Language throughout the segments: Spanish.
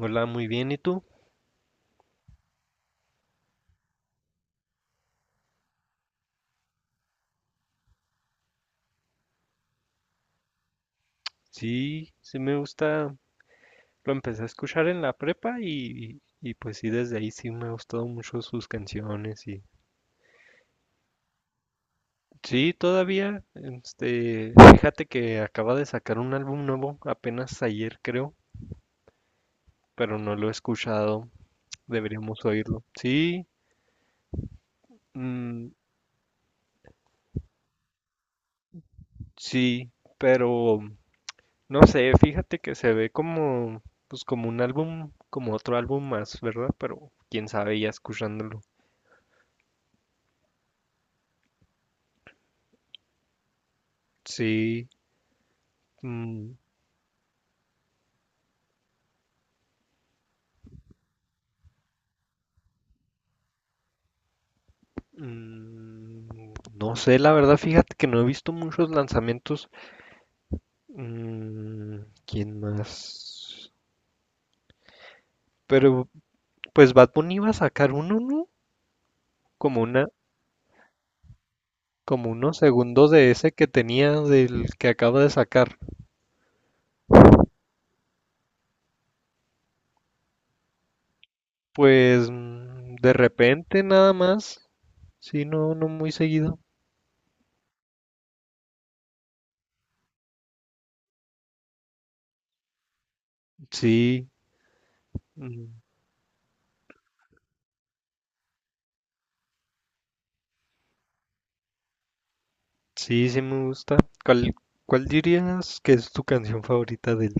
Hola, muy bien. ¿Y tú? Sí, sí me gusta. Lo empecé a escuchar en la prepa y pues sí, desde ahí sí me ha gustado mucho sus canciones y sí, todavía, este, fíjate que acaba de sacar un álbum nuevo apenas ayer creo, pero no lo he escuchado. Deberíamos oírlo. Sí, mm, sí, pero no sé, fíjate que se ve como, pues como un álbum, como otro álbum más, ¿verdad? Pero quién sabe ya escuchándolo. Sí. Mm, mm, no sé, la verdad, fíjate que no he visto muchos lanzamientos. ¿Quién más? Pero pues Bad Bunny iba a sacar uno, ¿no? Como una, como unos segundos de ese que tenía del que acaba de sacar. Pues de repente nada más. Sí, no, no muy seguido. Sí, mm, sí, sí me gusta. ¿Cuál, cuál dirías que es tu canción favorita de él?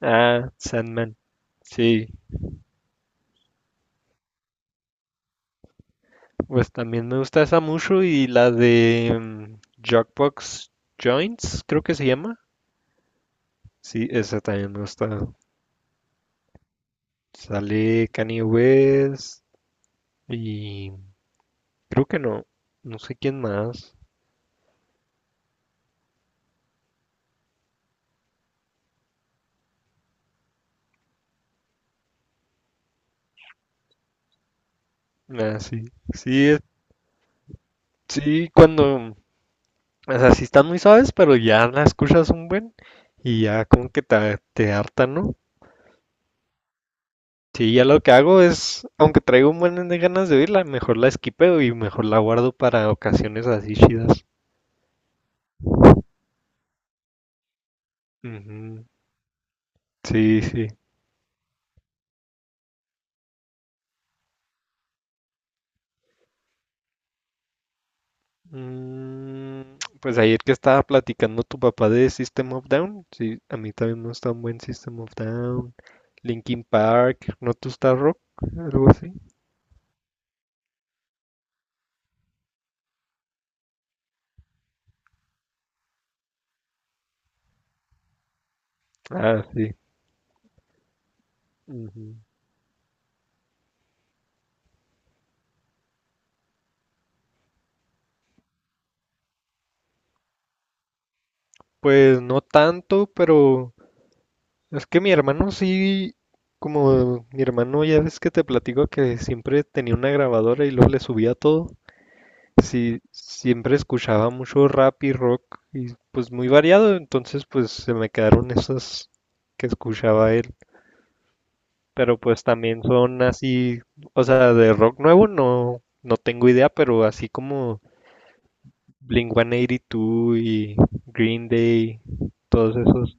Ah, Sandman. Sí. Pues también me gusta esa mucho y la de Jackbox Joints, creo que se llama. Sí, esa también me gusta. Sale Kanye West y creo que no, no sé quién más. Ah, sí, sí, sí, cuando, o sea, sí están muy suaves, pero ya la escuchas un buen y ya como que te harta, ¿no? Sí, ya lo que hago es, aunque traigo un buen de ganas de oírla, mejor la esquipeo y mejor la guardo para ocasiones así chidas. Ujú. Sí, sí. Pues ayer que estaba platicando tu papá de System of Down, sí, a mí también me gusta un buen System of Down, Linkin Park, ¿no te gusta rock? Algo así. Ah, sí. Ujú. Pues no tanto, pero es que mi hermano sí, como mi hermano ya ves que te platico que siempre tenía una grabadora y luego le subía todo. Siempre escuchaba mucho rap y rock y pues muy variado, entonces pues se me quedaron esas que escuchaba él, pero pues también son así, o sea, de rock nuevo no tengo idea, pero así como Blink-182 y dos y Green Day, todos esos,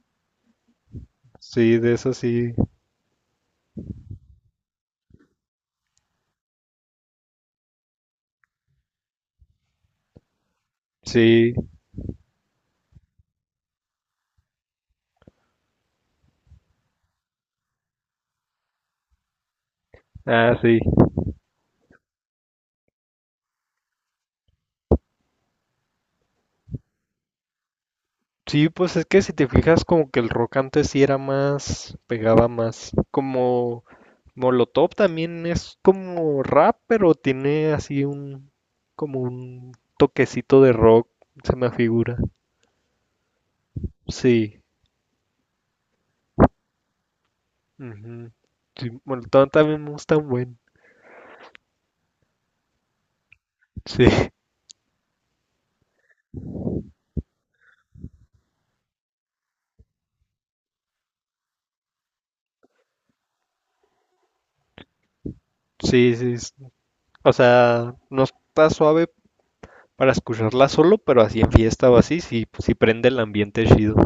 sí, de esos sí, sí, ah, sí. Sí, pues es que si te fijas como que el rock antes sí era más, pegaba más, como Molotov también es como rap, pero tiene así un, como un toquecito de rock, se me figura. Sí, ujú. Sí, Molotov también es tan buen. Sí, sí, sí. O sea, no está suave para escucharla solo, pero así en fiesta o así, sí, sí prende el ambiente chido.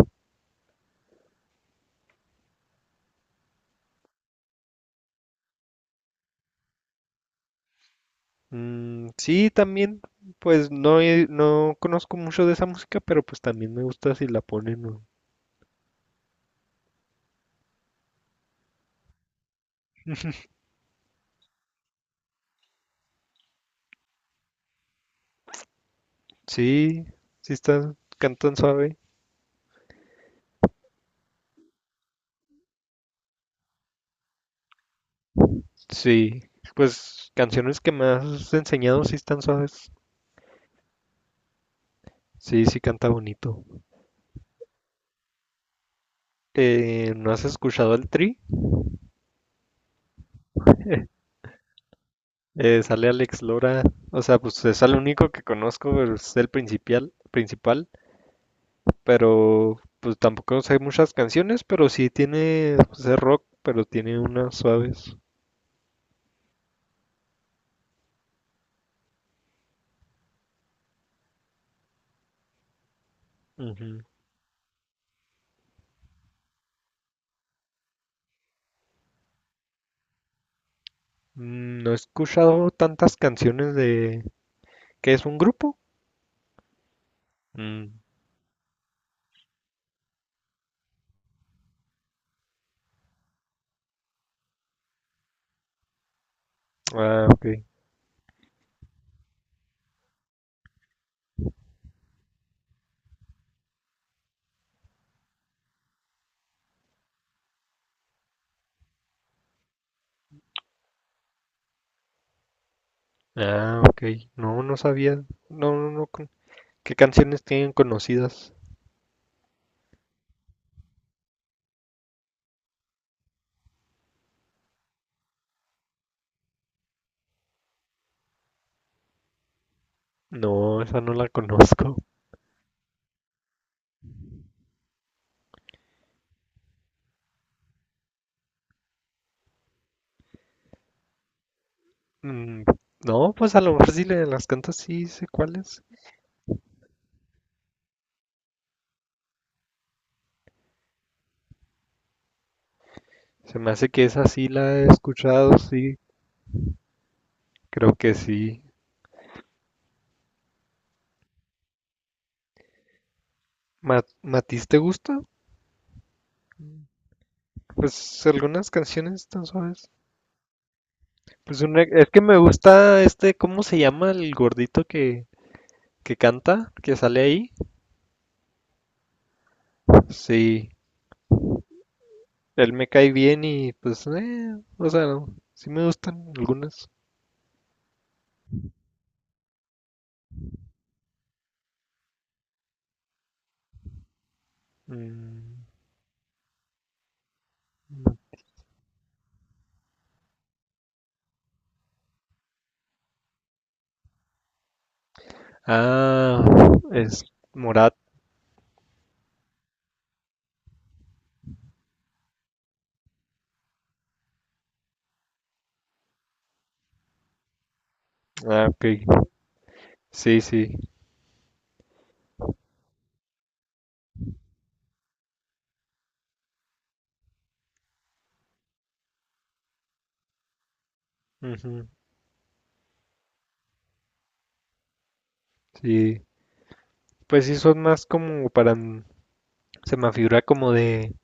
Sí, también, pues no, no conozco mucho de esa música, pero pues también me gusta si la ponen. Sí, sí están, cantan suave. Sí, pues canciones que me has enseñado sí están suaves. Sí, sí canta bonito. ¿No has escuchado al Tri? Sale Alex Lora, o sea, pues es el único que conozco, pero es el principal, principal, pero pues tampoco sé muchas canciones, pero sí tiene, pues es rock, pero tiene unas suaves. Ujú. No he escuchado tantas canciones de. ¿Qué es un grupo? Mm, Ah, ok. Ah, ok. No, no sabía. No, no, no. ¿Qué canciones tienen conocidas? No, esa no la conozco. Mm, No, pues a lo mejor si las cantas sí sé cuáles. Se me hace que esa sí la he escuchado, sí. Creo que sí. ¿Matiz te gusta? Mm. Pues algunas canciones tan suaves. Pues es que me gusta este, ¿cómo se llama el gordito que canta, que sale ahí, sí, él me cae bien y pues, o sea, no, sí me gustan algunas. Mm, Ah, es Morat. Ah, ok. Sí, sí. Ujú, sí. Pues sí, son más como para. Se me figura como de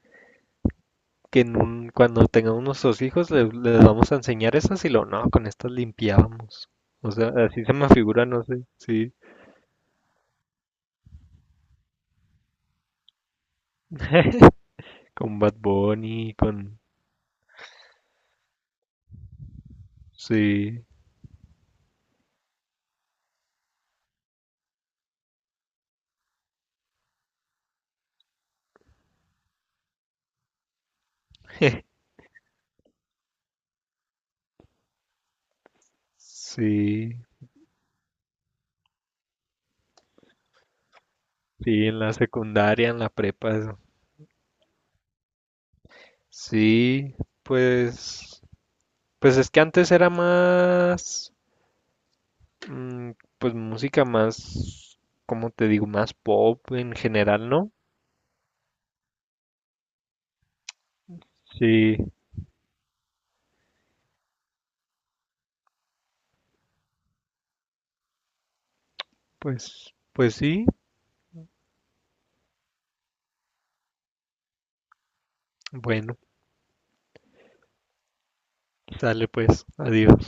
que en cuando tengamos nuestros hijos les vamos a enseñar esas y lo no, con estas limpiábamos. O sea, así se me figura, no sé. Sí. Con Bad Bunny, con. Sí. Sí, sí, en la secundaria, en la prepa, eso. Sí, pues, pues es que antes era más, mm, pues música más, como te digo, más pop en general, ¿no? Sí, pues sí. Bueno, sale pues, adiós.